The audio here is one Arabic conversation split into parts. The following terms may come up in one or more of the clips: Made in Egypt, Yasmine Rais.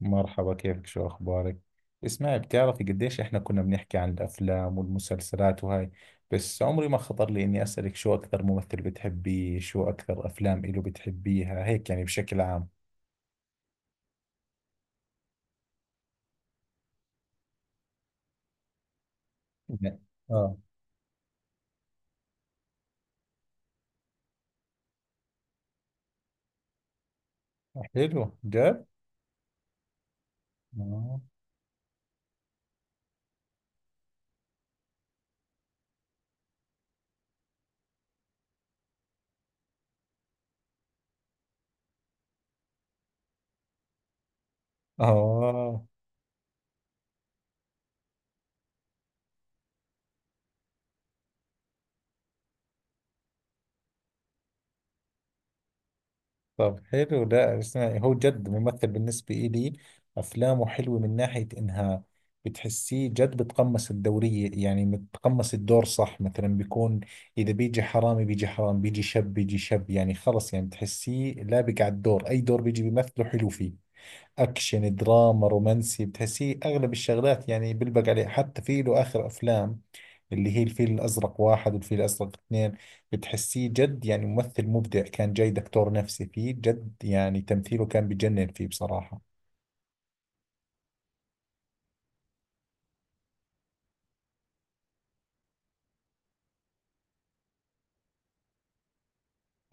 مرحبا، كيفك؟ شو أخبارك؟ اسمعي، بتعرفي قديش إحنا كنا بنحكي عن الأفلام والمسلسلات وهاي، بس عمري ما خطر لي إني أسألك شو أكثر ممثل بتحبيه، شو أكثر أفلام إله بتحبيها، هيك يعني بشكل عام. لا. آه. حلو جد؟ آه. آه. طب حلو. ده اسمعي، هو جد ممثل بالنسبة إلي. أفلامه حلوة من ناحية إنها بتحسيه جد بتقمص الدورية، يعني بتقمص الدور صح. مثلا بيكون، إذا بيجي حرامي بيجي حرام، بيجي شب بيجي شب، يعني خلص، يعني بتحسيه لابق على الدور. أي دور بيجي بيمثله حلو فيه. اكشن، دراما، رومانسي، بتحسيه اغلب الشغلات يعني بلبق عليه. حتى في له اخر افلام اللي هي الفيل الازرق واحد والفيل الازرق اثنين، بتحسيه جد يعني ممثل مبدع. كان جاي دكتور نفسي فيه، جد يعني تمثيله كان بجنن فيه بصراحة.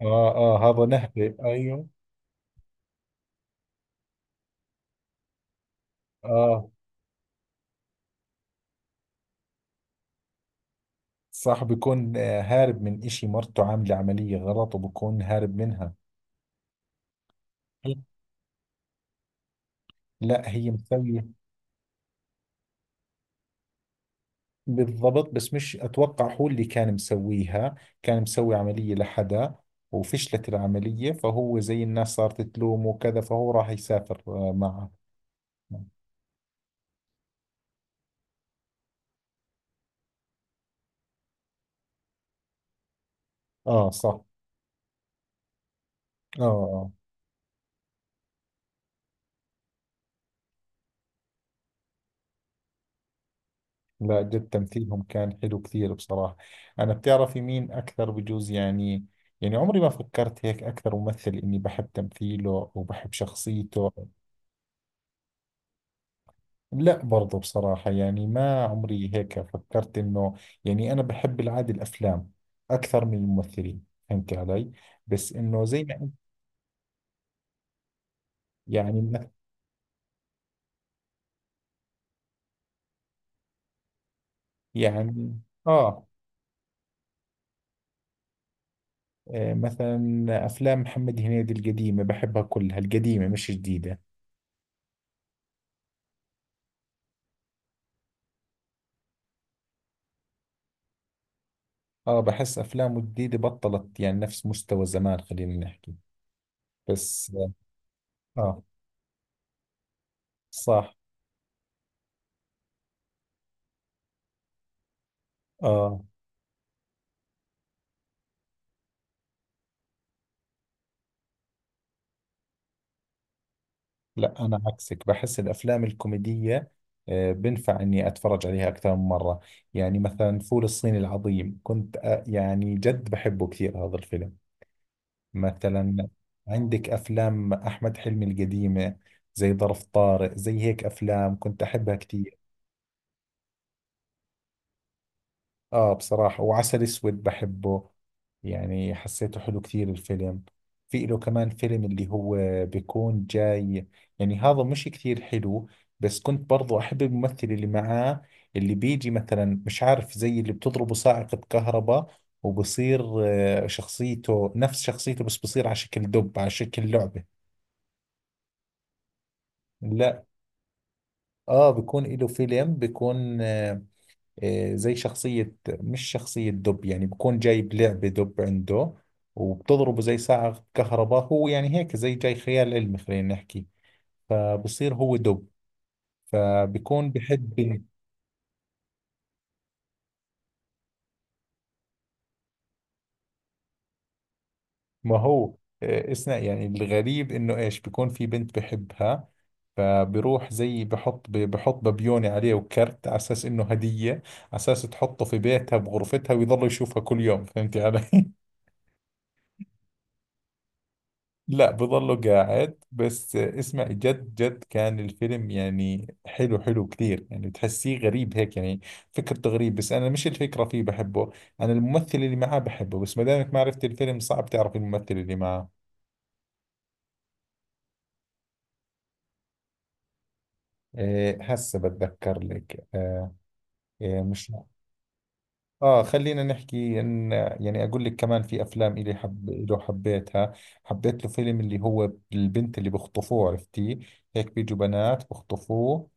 اه اه، هذا نهبة، ايوه. اه صح، بيكون هارب من اشي مرته عاملة عملية غلط وبكون هارب منها. لا هي مسوية. بالضبط، بس مش أتوقع هو اللي كان مسويها. كان مسوي عملية لحدا وفشلت العملية، فهو زي الناس صارت تلومه وكذا، فهو راح يسافر معه. آه صح. آه آه. لا جد تمثيلهم كان حلو كثير بصراحة. أنا بتعرفي مين أكثر، بجوز يعني، يعني عمري ما فكرت هيك أكثر ممثل إني بحب تمثيله وبحب شخصيته. لا برضو بصراحة، يعني ما عمري هيك فكرت إنه، يعني أنا بحب العادة الأفلام أكثر من الممثلين، فهمت علي؟ بس إنه زي ما أنت، يعني مث- يعني، آه. آه، مثلا أفلام محمد هنيدي القديمة بحبها كلها، القديمة مش جديدة. آه، بحس أفلامه الجديدة بطلت يعني نفس مستوى زمان خلينا نحكي. بس آه. آه، صح. آه. لا أنا عكسك، بحس الأفلام الكوميدية، بنفع إني أتفرج عليها أكثر من مرة. يعني مثلا فول الصين العظيم كنت يعني جد بحبه كثير هذا الفيلم. مثلا عندك أفلام أحمد حلمي القديمة، زي ظرف طارق، زي هيك أفلام كنت أحبها كثير. اه بصراحة، وعسل اسود بحبه، يعني حسيته حلو كثير الفيلم. في له كمان فيلم اللي هو بيكون جاي، يعني هذا مش كثير حلو، بس كنت برضو احب الممثل اللي معاه. اللي بيجي مثلا، مش عارف، زي اللي بتضربه صاعقة كهرباء وبصير، شخصيته نفس شخصيته بس بصير على شكل دب، على شكل لعبة. لا، اه بيكون له فيلم بيكون زي شخصية، مش شخصية دب، يعني بكون جايب لعبة دب عنده وبتضربه زي ساعة كهرباء، هو يعني هيك زي جاي خيال علمي خلينا نحكي، فبصير هو دب، فبكون بحب. ما هو اسمع، يعني الغريب انه ايش، بكون في بنت بحبها فبروح زي بحط بحط ببيوني عليه وكرت على اساس انه هدية، على اساس تحطه في بيتها بغرفتها ويضل يشوفها كل يوم، فهمتي علي؟ لا بظله قاعد بس اسمع، جد جد كان الفيلم يعني حلو حلو كثير، يعني بتحسيه غريب هيك يعني. فكرته غريب بس انا مش الفكرة فيه بحبه، انا الممثل اللي معاه بحبه، بس ما دامك ما عرفت الفيلم صعب تعرف الممثل اللي معاه. إيه هسه بتذكر لك. إيه، إيه مش. اه خلينا نحكي ان، يعني اقول لك كمان في افلام الي حب له حبيتها. حبيت له فيلم اللي هو البنت اللي بخطفوه، عرفتي؟ هيك بيجوا بنات بخطفوه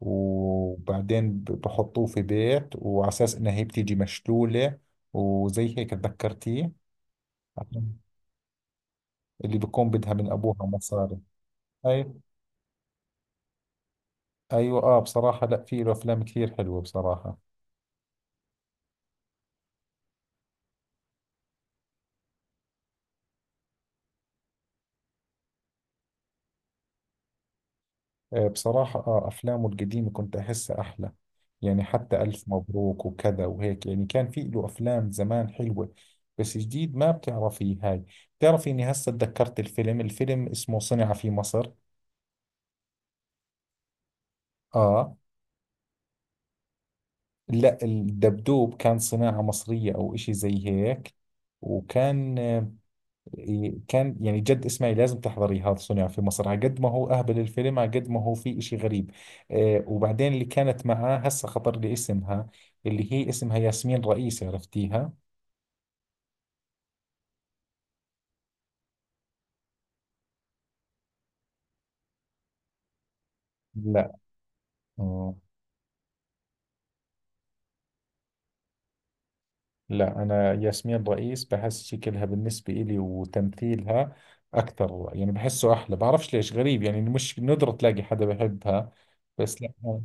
وبعدين بحطوه في بيت وعلى اساس انها هي بتيجي مشلولة، وزي هيك، تذكرتيه؟ عشان اللي بكون بدها من ابوها مصاري. اي، ايوه اه بصراحة، لا في له افلام كثير حلوة بصراحة. آه بصراحة، اه افلامه القديمة كنت احسها احلى، يعني حتى الف مبروك وكذا وهيك، يعني كان في له افلام زمان حلوة. بس جديد ما بتعرفي هاي. بتعرفي اني هسه تذكرت الفيلم؟ الفيلم اسمه صنع في مصر. اه. لا الدبدوب كان صناعة مصرية أو إشي زي هيك، وكان، كان يعني جد اسمعي لازم تحضري هذا صنع في مصر، على قد ما هو أهبل الفيلم على قد ما هو في إشي غريب. وبعدين اللي كانت معاه هسه خطر لي اسمها، اللي هي اسمها ياسمين رئيس، عرفتيها؟ لا. آه، لا أنا ياسمين رئيس بحس شكلها بالنسبة إلي وتمثيلها أكثر، يعني بحسه أحلى، بعرفش ليش، غريب يعني مش ندرة تلاقي حدا بحبها، بس لا.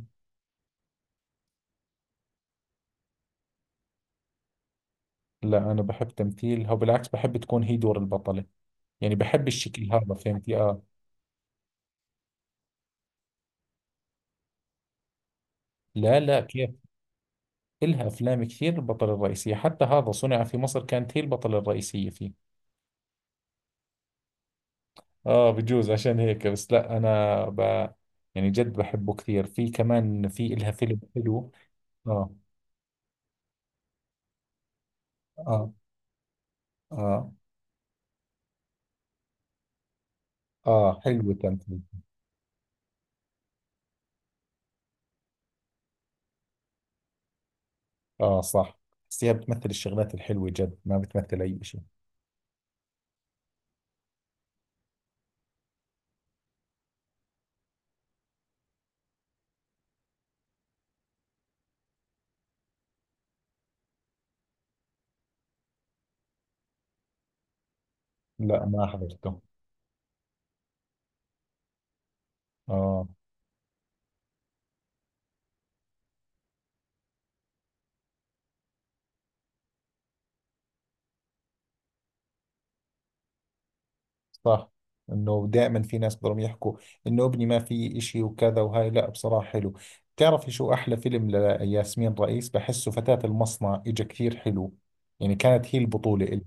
لا أنا بحب تمثيلها وبالعكس بحب تكون هي دور البطلة، يعني بحب الشكل هذا، فهمتي آه. لا لا، كيف؟ إلها أفلام كثير البطلة الرئيسية، حتى هذا صنع في مصر كانت هي البطلة الرئيسية فيه. آه بجوز عشان هيك، بس لا أنا ب... يعني جد بحبه كثير. في كمان، في إلها فيلم حلو. آه. آه. آه. آه حلو تمثيل. آه صح، بس هي بتمثل الشغلات الحلوة جد، ما بتمثل أي شيء. لا ما حضرته. آه صح، انه دائما في ناس بدهم يحكوا انه ابني ما في اشي وكذا وهاي، لا بصراحة حلو. بتعرفي شو احلى فيلم لياسمين رئيس بحسه؟ فتاة المصنع، اجا كثير حلو، يعني كانت هي البطولة إلي.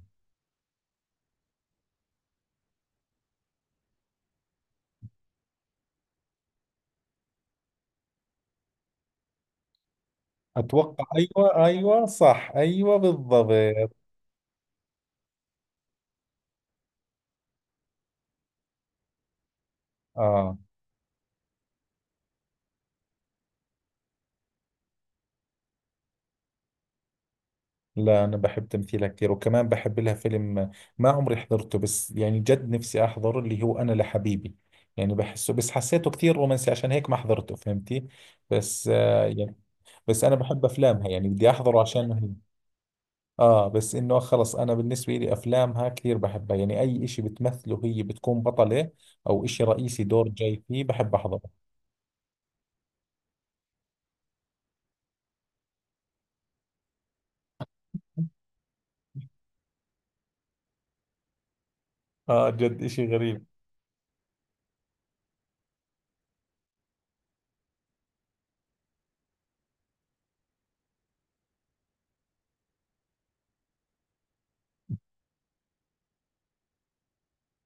اتوقع، ايوه ايوه صح، ايوه بالضبط. اه، لا انا بحب تمثيلها كثير، وكمان بحب لها فيلم ما عمري حضرته، بس يعني جد نفسي احضره، اللي هو انا لحبيبي، يعني بحسه، بس حسيته كثير رومانسي عشان هيك ما حضرته، فهمتي؟ بس آه يعني، بس انا بحب افلامها يعني بدي احضره عشان هي. اه بس انه خلص، انا بالنسبه لي افلامها كثير بحبها، يعني اي اشي بتمثله هي بتكون بطله او اشي رئيسي دور جاي فيه بحب احضره. اه جد اشي غريب.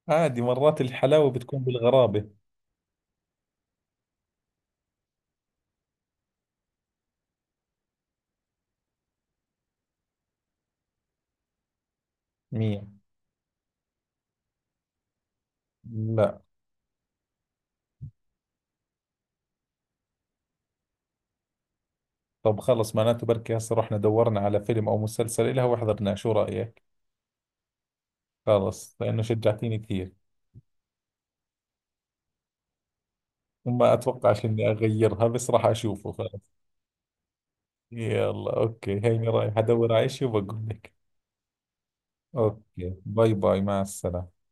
عادي، مرات الحلاوه بتكون بالغرابه. مية. لا. طب خلص، معناته بركي هسه رحنا دورنا على فيلم او مسلسل إلها وحضرناه، شو رايك؟ خلص لانه شجعتيني كثير. ما اتوقعش اني اغيرها بس راح اشوفه، خلص. يلا اوكي، هيني رايح ادور على اشي وبقول لك. اوكي باي باي، مع السلامة.